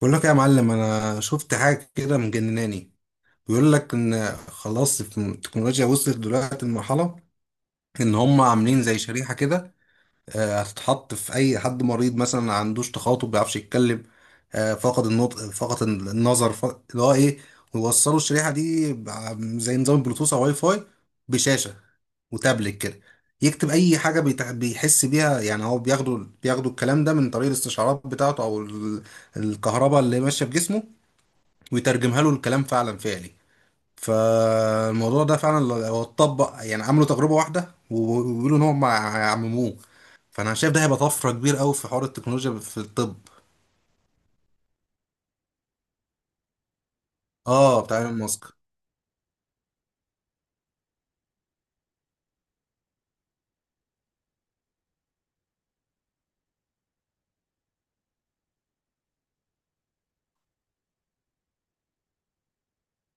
بقول لك يا معلم، انا شفت حاجه كده مجنناني. بيقول لك ان خلاص التكنولوجيا وصلت دلوقتي لمرحله ان هم عاملين زي شريحه كده. هتتحط في اي حد مريض مثلا ما عندوش تخاطب، ما بيعرفش يتكلم، فقد النطق، فقد النظر، فقد اللي هو ايه. ويوصلوا الشريحه دي زي نظام بلوتوث او واي فاي بشاشه وتابلت كده، يكتب اي حاجه بيحس بيها. يعني هو بياخدوا الكلام ده من طريق الاستشعارات بتاعته، او الكهرباء اللي ماشيه في جسمه، ويترجمها له الكلام فعلا فعلي. فالموضوع ده فعلا هو اتطبق، يعني عملوا تجربة واحدة وبيقولوا ان هم عمموه. فانا شايف ده هيبقى طفرة كبيرة قوي في حوار التكنولوجيا في الطب. اه، بتاع ايلون ماسك.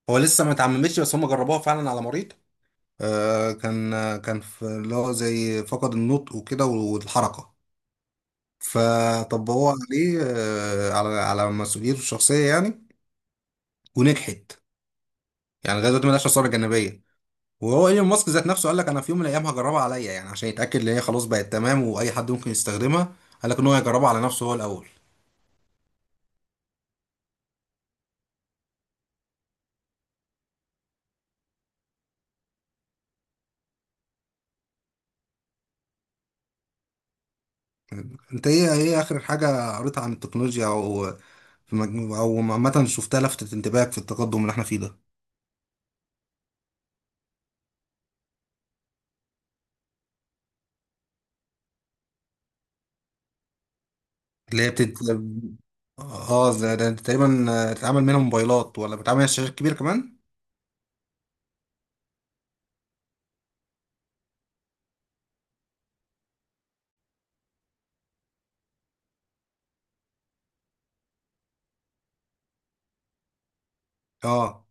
هو لسه ما اتعممتش، بس هم جربوها فعلا على مريض. كان، كان في اللي هو زي فقد النطق وكده والحركة، فطبقوها عليه، على مسؤوليته الشخصية يعني. ونجحت، يعني لغايه دلوقتي ملهاش آثار جانبية. وهو ايلون ماسك ذات نفسه قال لك انا في يوم من الايام هجربها عليا، يعني عشان يتاكد ان هي خلاص بقت تمام واي حد ممكن يستخدمها. قال لك ان هو يجربها على نفسه هو الاول. انت ايه اخر حاجه قريتها عن التكنولوجيا، او في مجموع او عامه شفتها لفتت انتباهك في التقدم اللي احنا فيه ده؟ اللي هي بتت، اه، ده تقريبا، بتتعمل منها موبايلات ولا بتتعمل على شاشات كبيره كمان؟ اه.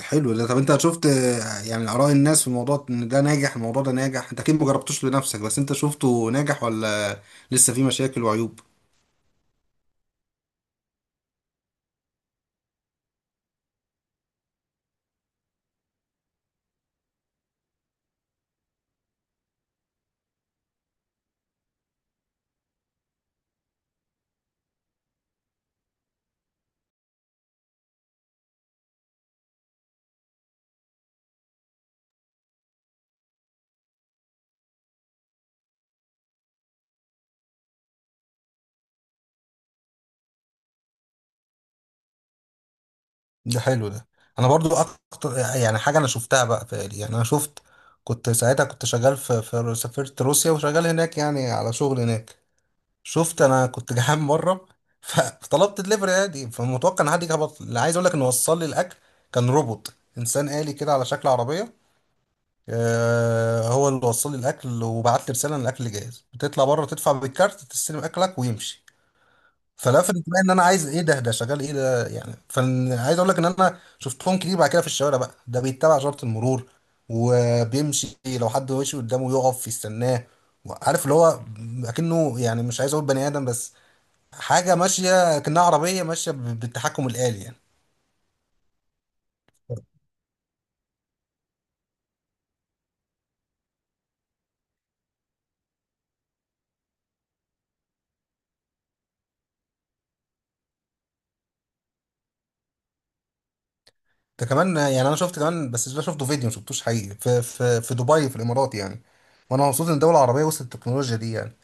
حلو ده. طب انت شفت، يعني اراء الناس في الموضوع ان ده ناجح، الموضوع ده ناجح؟ انت اكيد مجربتوش لنفسك، بس انت شفته ناجح ولا لسه فيه مشاكل وعيوب؟ ده حلو ده. انا برضو اكتر يعني حاجه انا شفتها بقى فعلي، يعني انا شفت، كنت ساعتها كنت شغال في سافرت روسيا وشغال هناك يعني على شغل هناك. شفت، انا كنت جعان مره فطلبت دليفري عادي، فمتوقع ان حد يجي. اللي عايز اقول لك انه وصل لي الاكل كان روبوت انسان آلي كده على شكل عربيه. آه، هو اللي وصل لي الاكل، وبعت لي رساله ان الاكل جاهز، بتطلع بره تدفع بالكارت تستلم اكلك ويمشي. فلفت انتباهي ان انا عايز ايه ده، ده شغال ايه ده يعني. فعايز اقول لك ان انا شفتهم كتير بعد كده في الشوارع، بقى ده بيتبع اشاره المرور وبيمشي، لو حد ماشي قدامه يقف يستناه. عارف اللي هو اكنه، يعني مش عايز اقول بني ادم، بس حاجه ماشيه كأنها عربيه ماشيه بالتحكم الآلي يعني. ده كمان يعني انا شفت كمان، بس ده شفته فيديو، ما شفتوش حقيقي، في في دبي في الامارات يعني. وانا مبسوط ان الدول العربيه وصلت التكنولوجيا دي يعني.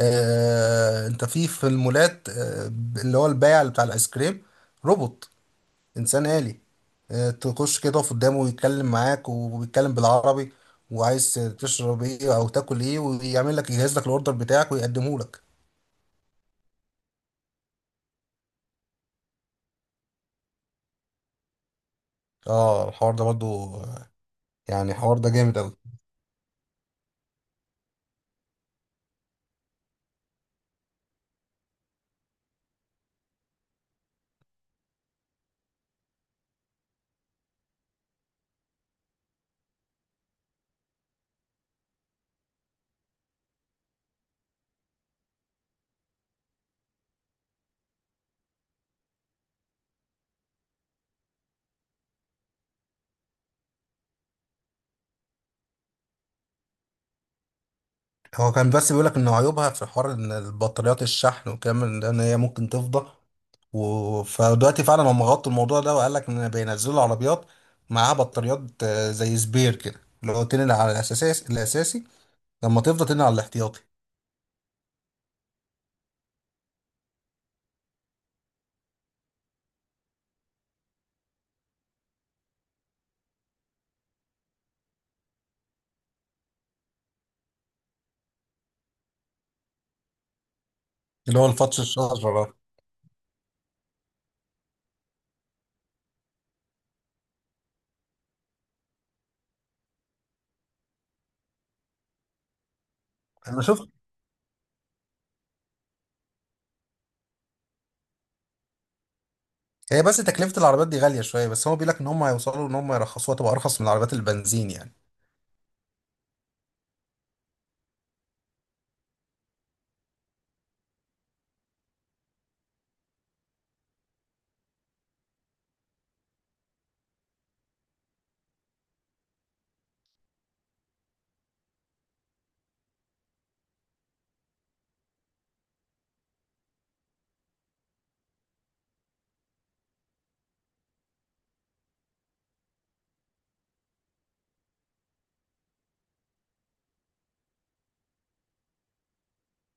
انت في المولات، اللي هو البائع اللي بتاع الايس كريم، روبوت، انسان آلي. تخش كده تقف قدامه ويتكلم معاك، وبيتكلم بالعربي، وعايز تشرب ايه او تاكل ايه، ويعمل لك يجهز لك الاوردر بتاعك ويقدمه لك. اه، الحوار ده برضو، يعني الحوار ده جامد قوي. هو كان بس بيقولك ان عيوبها في حوار ان البطاريات، الشحن والكلام من ده، ان هي ممكن تفضى. فدلوقتي فعلا هم غطوا الموضوع ده، وقال لك ان بينزلوا عربيات معاها بطاريات زي سبير كده، اللي هو تنقل على الاساسي الاساسي، لما تفضى تنقل على الاحتياطي. اللي هو الفتش الشجره ده. انا شفت، هي بس تكلفة العربيات دي غالية شوية، بس هو بيقول لك ان هم هيوصلوا ان هم يرخصوها تبقى ارخص من العربيات البنزين يعني.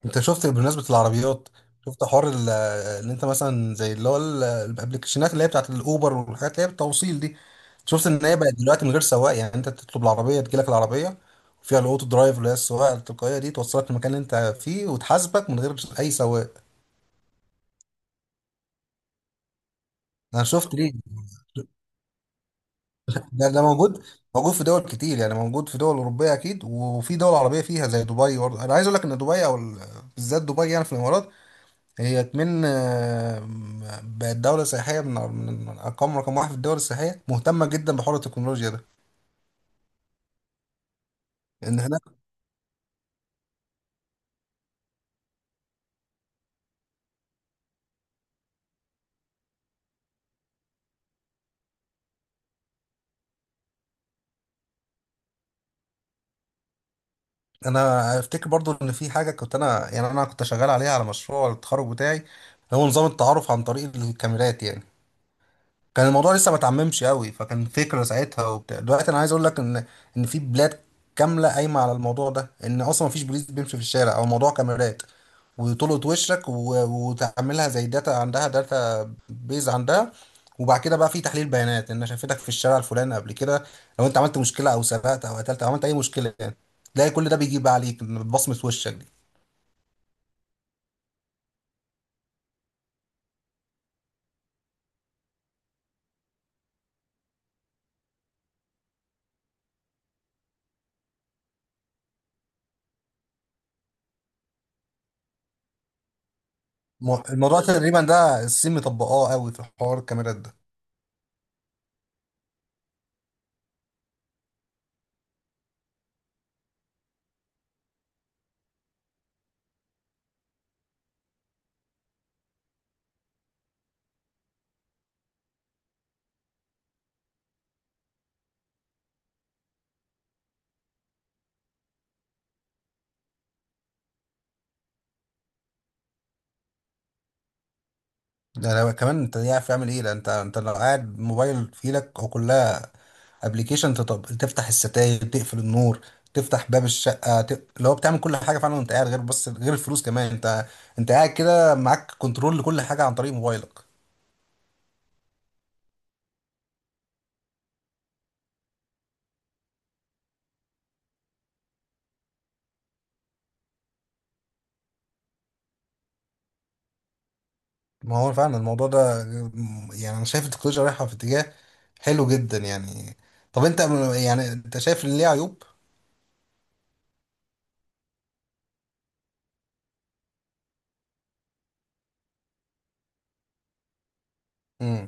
انت شفت بمناسبة العربيات، شفت حوار اللي انت مثلا زي اللي هو الابلكيشنات اللي هي بتاعت الاوبر والحاجات اللي هي بالتوصيل دي؟ شفت ان هي بقت دلوقتي من غير سواق، يعني انت تطلب العربيه تجيلك العربيه، وفيها الاوتو درايف اللي هي السواقه التلقائيه دي، توصلك للمكان اللي انت فيه وتحاسبك من غير اي سواق. انا شفت ليه. ده موجود، موجود في دول كتير، يعني موجود في دول اوروبيه اكيد، وفي دول عربيه فيها زي دبي. برضه انا عايز اقول لك ان دبي، او بالذات دبي يعني في الامارات، هي كمان، بقت دوله سياحيه من من ارقام رقم واحد في الدول السياحيه، مهتمه جدا بحوار التكنولوجيا ده، ان هناك. انا افتكر برضو ان في حاجه كنت انا يعني انا كنت شغال عليها على مشروع التخرج بتاعي، هو نظام التعارف عن طريق الكاميرات يعني. كان الموضوع لسه ما اتعممش قوي، فكان فكرة ساعتها وبتاع. دلوقتي انا عايز اقول لك ان ان في بلاد كاملة قايمة على الموضوع ده، ان اصلا ما فيش بوليس بيمشي في الشارع، او موضوع كاميرات وتلقط وشك، وتعملها زي داتا، عندها داتا بيز عندها، وبعد كده بقى في تحليل بيانات ان شافتك في الشارع الفلاني قبل كده. لو انت عملت مشكلة او سرقت او قتلت او عملت اي مشكلة يعني، تلاقي كل ده بيجيب عليك بصمة وشك دي. الموضوع تقريبا ده الصين مطبقاه قوي في حوار الكاميرات ده. ده لو كمان انت عارف تعمل ايه، لان انت لو قاعد موبايل في ايدك هو كلها ابلكيشن. تفتح الستاير، تقفل النور، تفتح باب الشقه، اللي هو بتعمل كل حاجه فعلا وانت قاعد، غير بس غير الفلوس كمان. انت، انت قاعد كده معاك كنترول لكل حاجه عن طريق موبايلك. ما هو فعلا الموضوع ده، يعني انا شايف التكنولوجيا رايحه في اتجاه حلو جدا يعني. طب انت، يعني انت شايف ان ليه عيوب؟ مم.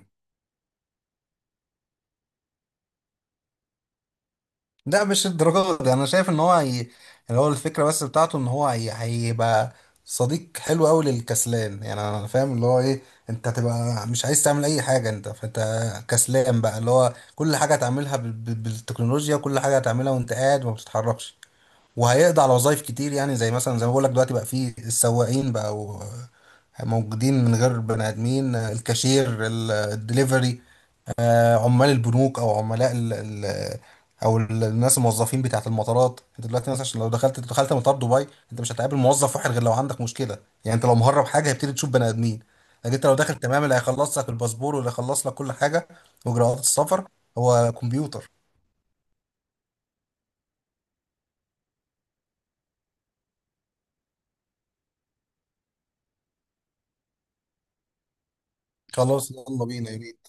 لا، مش الدرجات دي. انا شايف ان هو هي، اللي هو الفكره بس بتاعته ان هو هي، هيبقى صديق حلو قوي للكسلان يعني. انا فاهم اللي هو ايه. انت هتبقى مش عايز تعمل اي حاجه انت، فانت كسلان بقى، اللي هو كل حاجه هتعملها بالتكنولوجيا، وكل حاجه هتعملها وانت قاعد وما بتتحركش. وهيقضي على وظايف كتير، يعني زي مثلا زي ما بقول لك دلوقتي بقى في السواقين بقى، موجودين من غير بني ادمين، الكاشير، الدليفري، عمال البنوك، او عملاء ال او الناس الموظفين بتاعت المطارات. انت دلوقتي مثلا، عشان لو دخلت مطار دبي، انت مش هتقابل موظف واحد غير لو عندك مشكله. يعني انت لو مهرب حاجه هيبتدي تشوف بني ادمين، لكن انت لو داخل تمام، اللي هيخلص لك الباسبور واللي هيخلص لك كل حاجه واجراءات السفر هو كمبيوتر. خلاص يلا بينا يا بيه.